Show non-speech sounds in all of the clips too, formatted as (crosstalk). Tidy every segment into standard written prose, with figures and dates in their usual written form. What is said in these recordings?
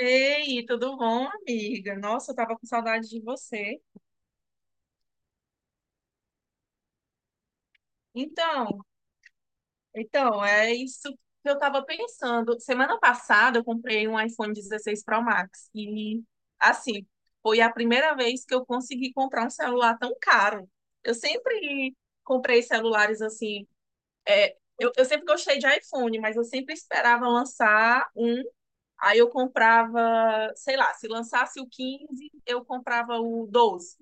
Ei, tudo bom, amiga? Nossa, eu tava com saudade de você. Então, então, é isso que eu tava pensando. Semana passada eu comprei um iPhone 16 Pro Max e assim, foi a primeira vez que eu consegui comprar um celular tão caro. Eu sempre comprei celulares assim, eu sempre gostei de iPhone, mas eu sempre esperava lançar um, aí eu comprava, sei lá, se lançasse o 15, eu comprava o 12.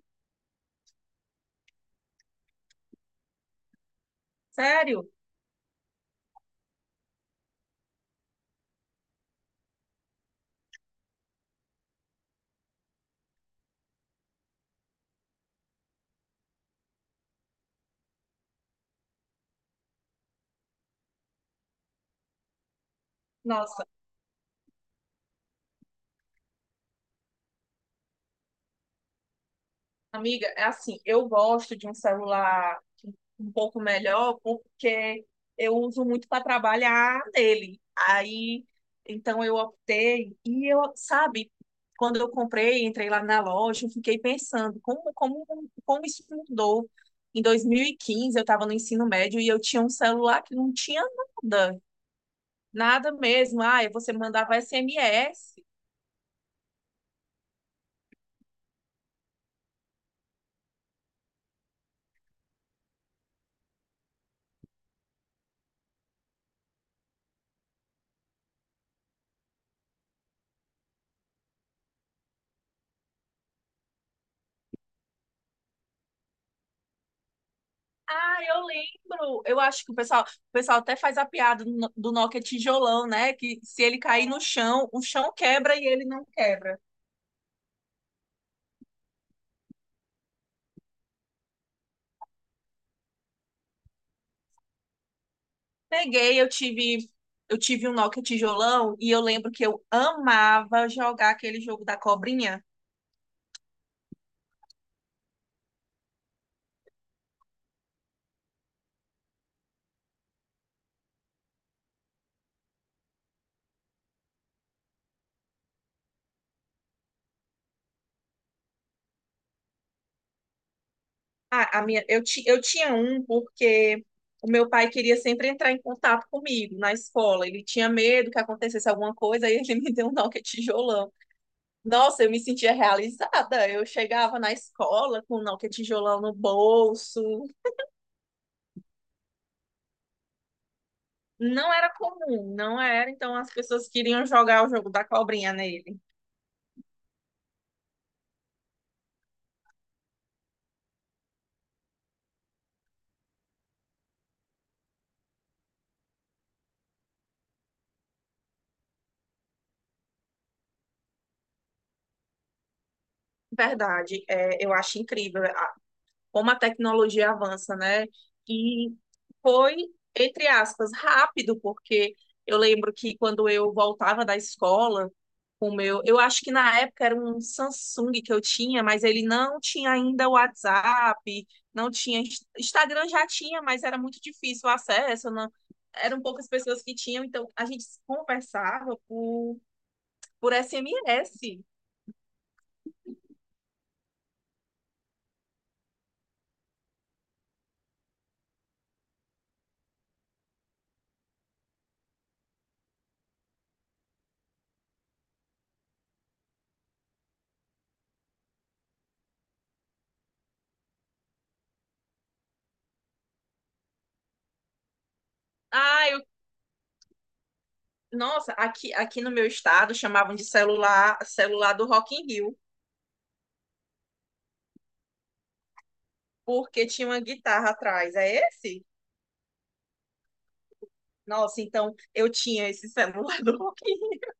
Sério? Nossa. Amiga, é assim, eu gosto de um celular um pouco melhor porque eu uso muito para trabalhar nele. Aí, então eu optei e eu, sabe, quando eu comprei, entrei lá na loja, eu fiquei pensando como isso mudou. Em 2015 eu estava no ensino médio e eu tinha um celular que não tinha nada, nada mesmo. Ah, você mandava SMS. Ah, eu lembro. Eu acho que o pessoal até faz a piada do no- do Nokia tijolão, né? Que se ele cair no chão, o chão quebra e ele não quebra. Peguei, eu tive um Nokia tijolão e eu lembro que eu amava jogar aquele jogo da cobrinha. Ah, a minha, eu, ti, eu tinha um porque o meu pai queria sempre entrar em contato comigo na escola. Ele tinha medo que acontecesse alguma coisa e ele (laughs) me deu um Nokia tijolão. Nossa, eu me sentia realizada. Eu chegava na escola com o Nokia tijolão no bolso. Não era comum, não era. Então as pessoas queriam jogar o jogo da cobrinha nele. Verdade, eu acho incrível. Como a tecnologia avança, né? E foi, entre aspas, rápido, porque eu lembro que quando eu voltava da escola, eu acho que na época era um Samsung que eu tinha, mas ele não tinha ainda o WhatsApp, não tinha Instagram já tinha, mas era muito difícil o acesso, não, eram poucas pessoas que tinham, então a gente conversava por SMS. Ah, eu Nossa, aqui no meu estado chamavam de celular, celular do Rock in Rio, porque tinha uma guitarra atrás. É esse? Nossa, então eu tinha esse celular do Rock in Rio.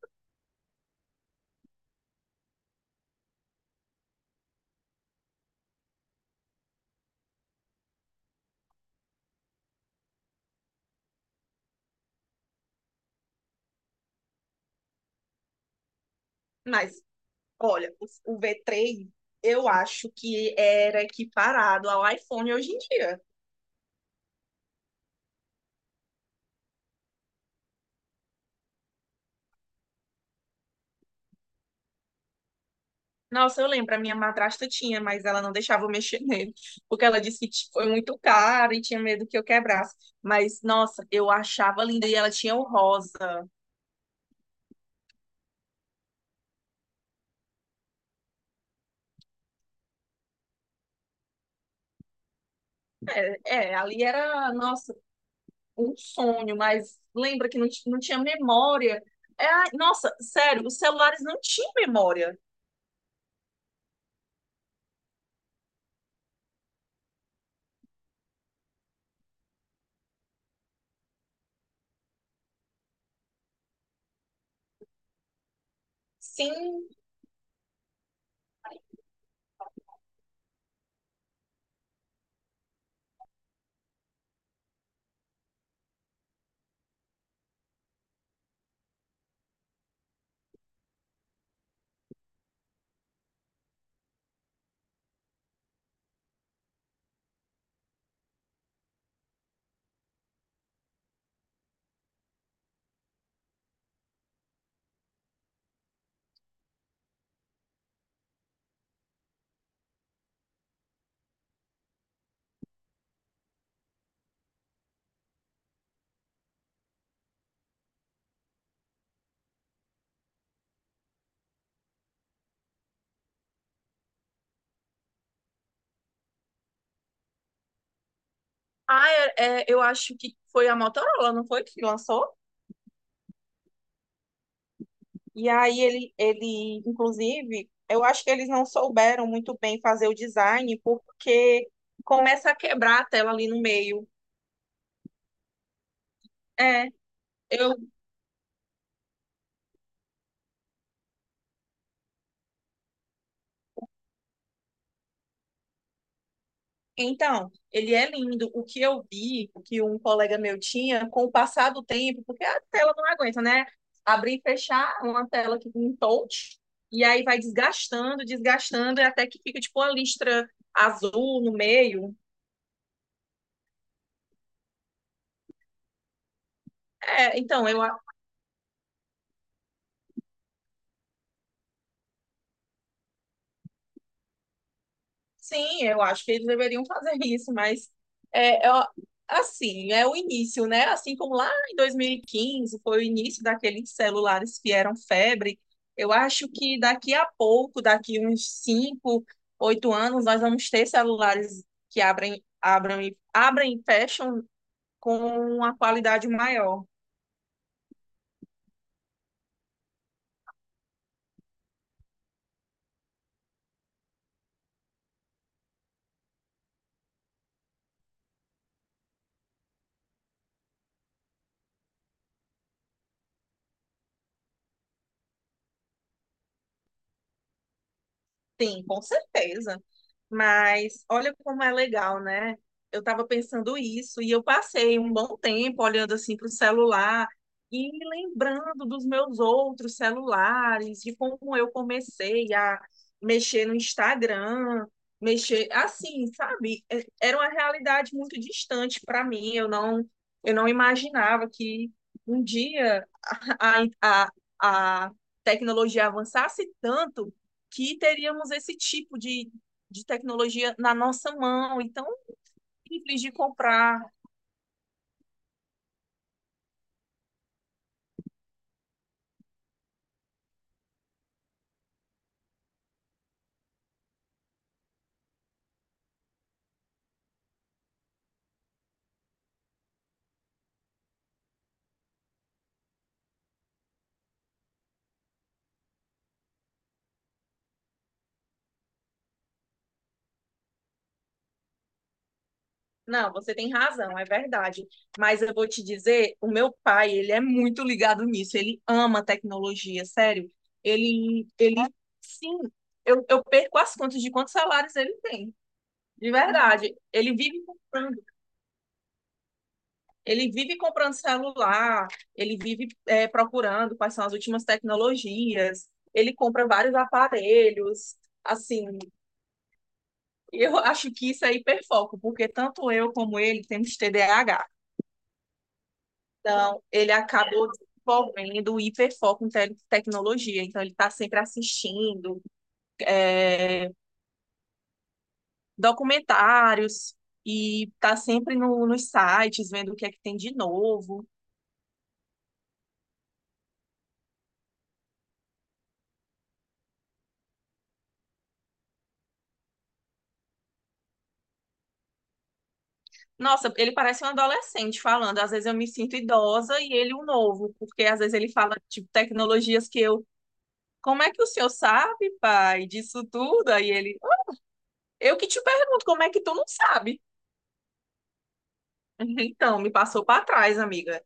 Mas, olha, o V3 eu acho que era equiparado ao iPhone hoje em dia. Nossa, eu lembro, a minha madrasta tinha, mas ela não deixava eu mexer (laughs) nele, porque ela disse que foi muito caro e tinha medo que eu quebrasse. Mas, nossa, eu achava linda e ela tinha o rosa. É, é, ali era, nossa, um sonho, mas lembra que não, não tinha memória. É, ai, nossa, sério, os celulares não tinham memória. Sim, ah, eu acho que foi a Motorola, não foi, que lançou? E aí ele, inclusive, eu acho que eles não souberam muito bem fazer o design, porque começa a quebrar a tela ali no meio. É, Eu, então, ele é lindo. O que eu vi, o que um colega meu tinha, com o passar do tempo, porque a tela não aguenta, né? Abrir e fechar uma tela que um touch, e aí vai desgastando, desgastando, e até que fica tipo uma listra azul no meio. É, então, eu Sim, eu acho que eles deveriam fazer (laughs) isso, mas ó, assim, é o início, né? Assim como lá em 2015 foi o início daqueles celulares que eram febre, eu acho que daqui a pouco, daqui uns 5 8 anos, nós vamos ter celulares que abrem, abrem, abrem e fecham com uma qualidade maior. Sim, com certeza. Mas olha como é legal, né? Eu estava pensando isso e eu passei um bom tempo olhando assim para o celular e me lembrando dos meus outros celulares, de como eu comecei a mexer no Instagram, mexer assim, sabe? Era uma realidade muito distante para mim. Eu não imaginava que um dia (laughs) a, a, a a tecnologia avançasse tanto que teríamos esse tipo de tecnologia na nossa mão. Então, simples de comprar. Não, você tem razão, é verdade. Mas eu vou te dizer, o meu pai, ele é muito ligado nisso, ele ama tecnologia, sério. Ele, sim, eu perco as contas de quantos salários ele tem. De verdade, ele vive comprando celular, ele vive procurando quais são as últimas tecnologias, ele compra vários aparelhos, assim. Eu acho que isso é hiperfoco, porque tanto eu como ele temos TDAH. Então, ele acabou desenvolvendo o hiperfoco em tecnologia. Então, ele está sempre assistindo é, documentários e está sempre no, nos sites vendo o que é que tem de novo. Nossa, ele parece um adolescente falando. Às vezes eu me sinto idosa e ele um novo, porque às vezes ele fala, tipo, tecnologias que eu. Como é que o senhor sabe, pai, disso tudo? Aí ele. Eu que te pergunto, como é que tu não sabe? Então, me passou para trás, amiga.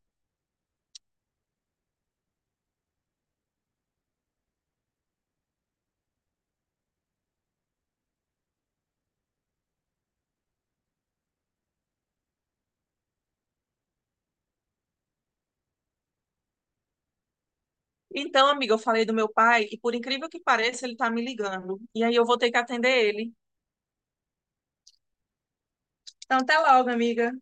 Então, amiga, eu falei do meu pai e por incrível que pareça, ele tá me ligando. E aí eu vou ter que atender ele. Então, até logo, amiga.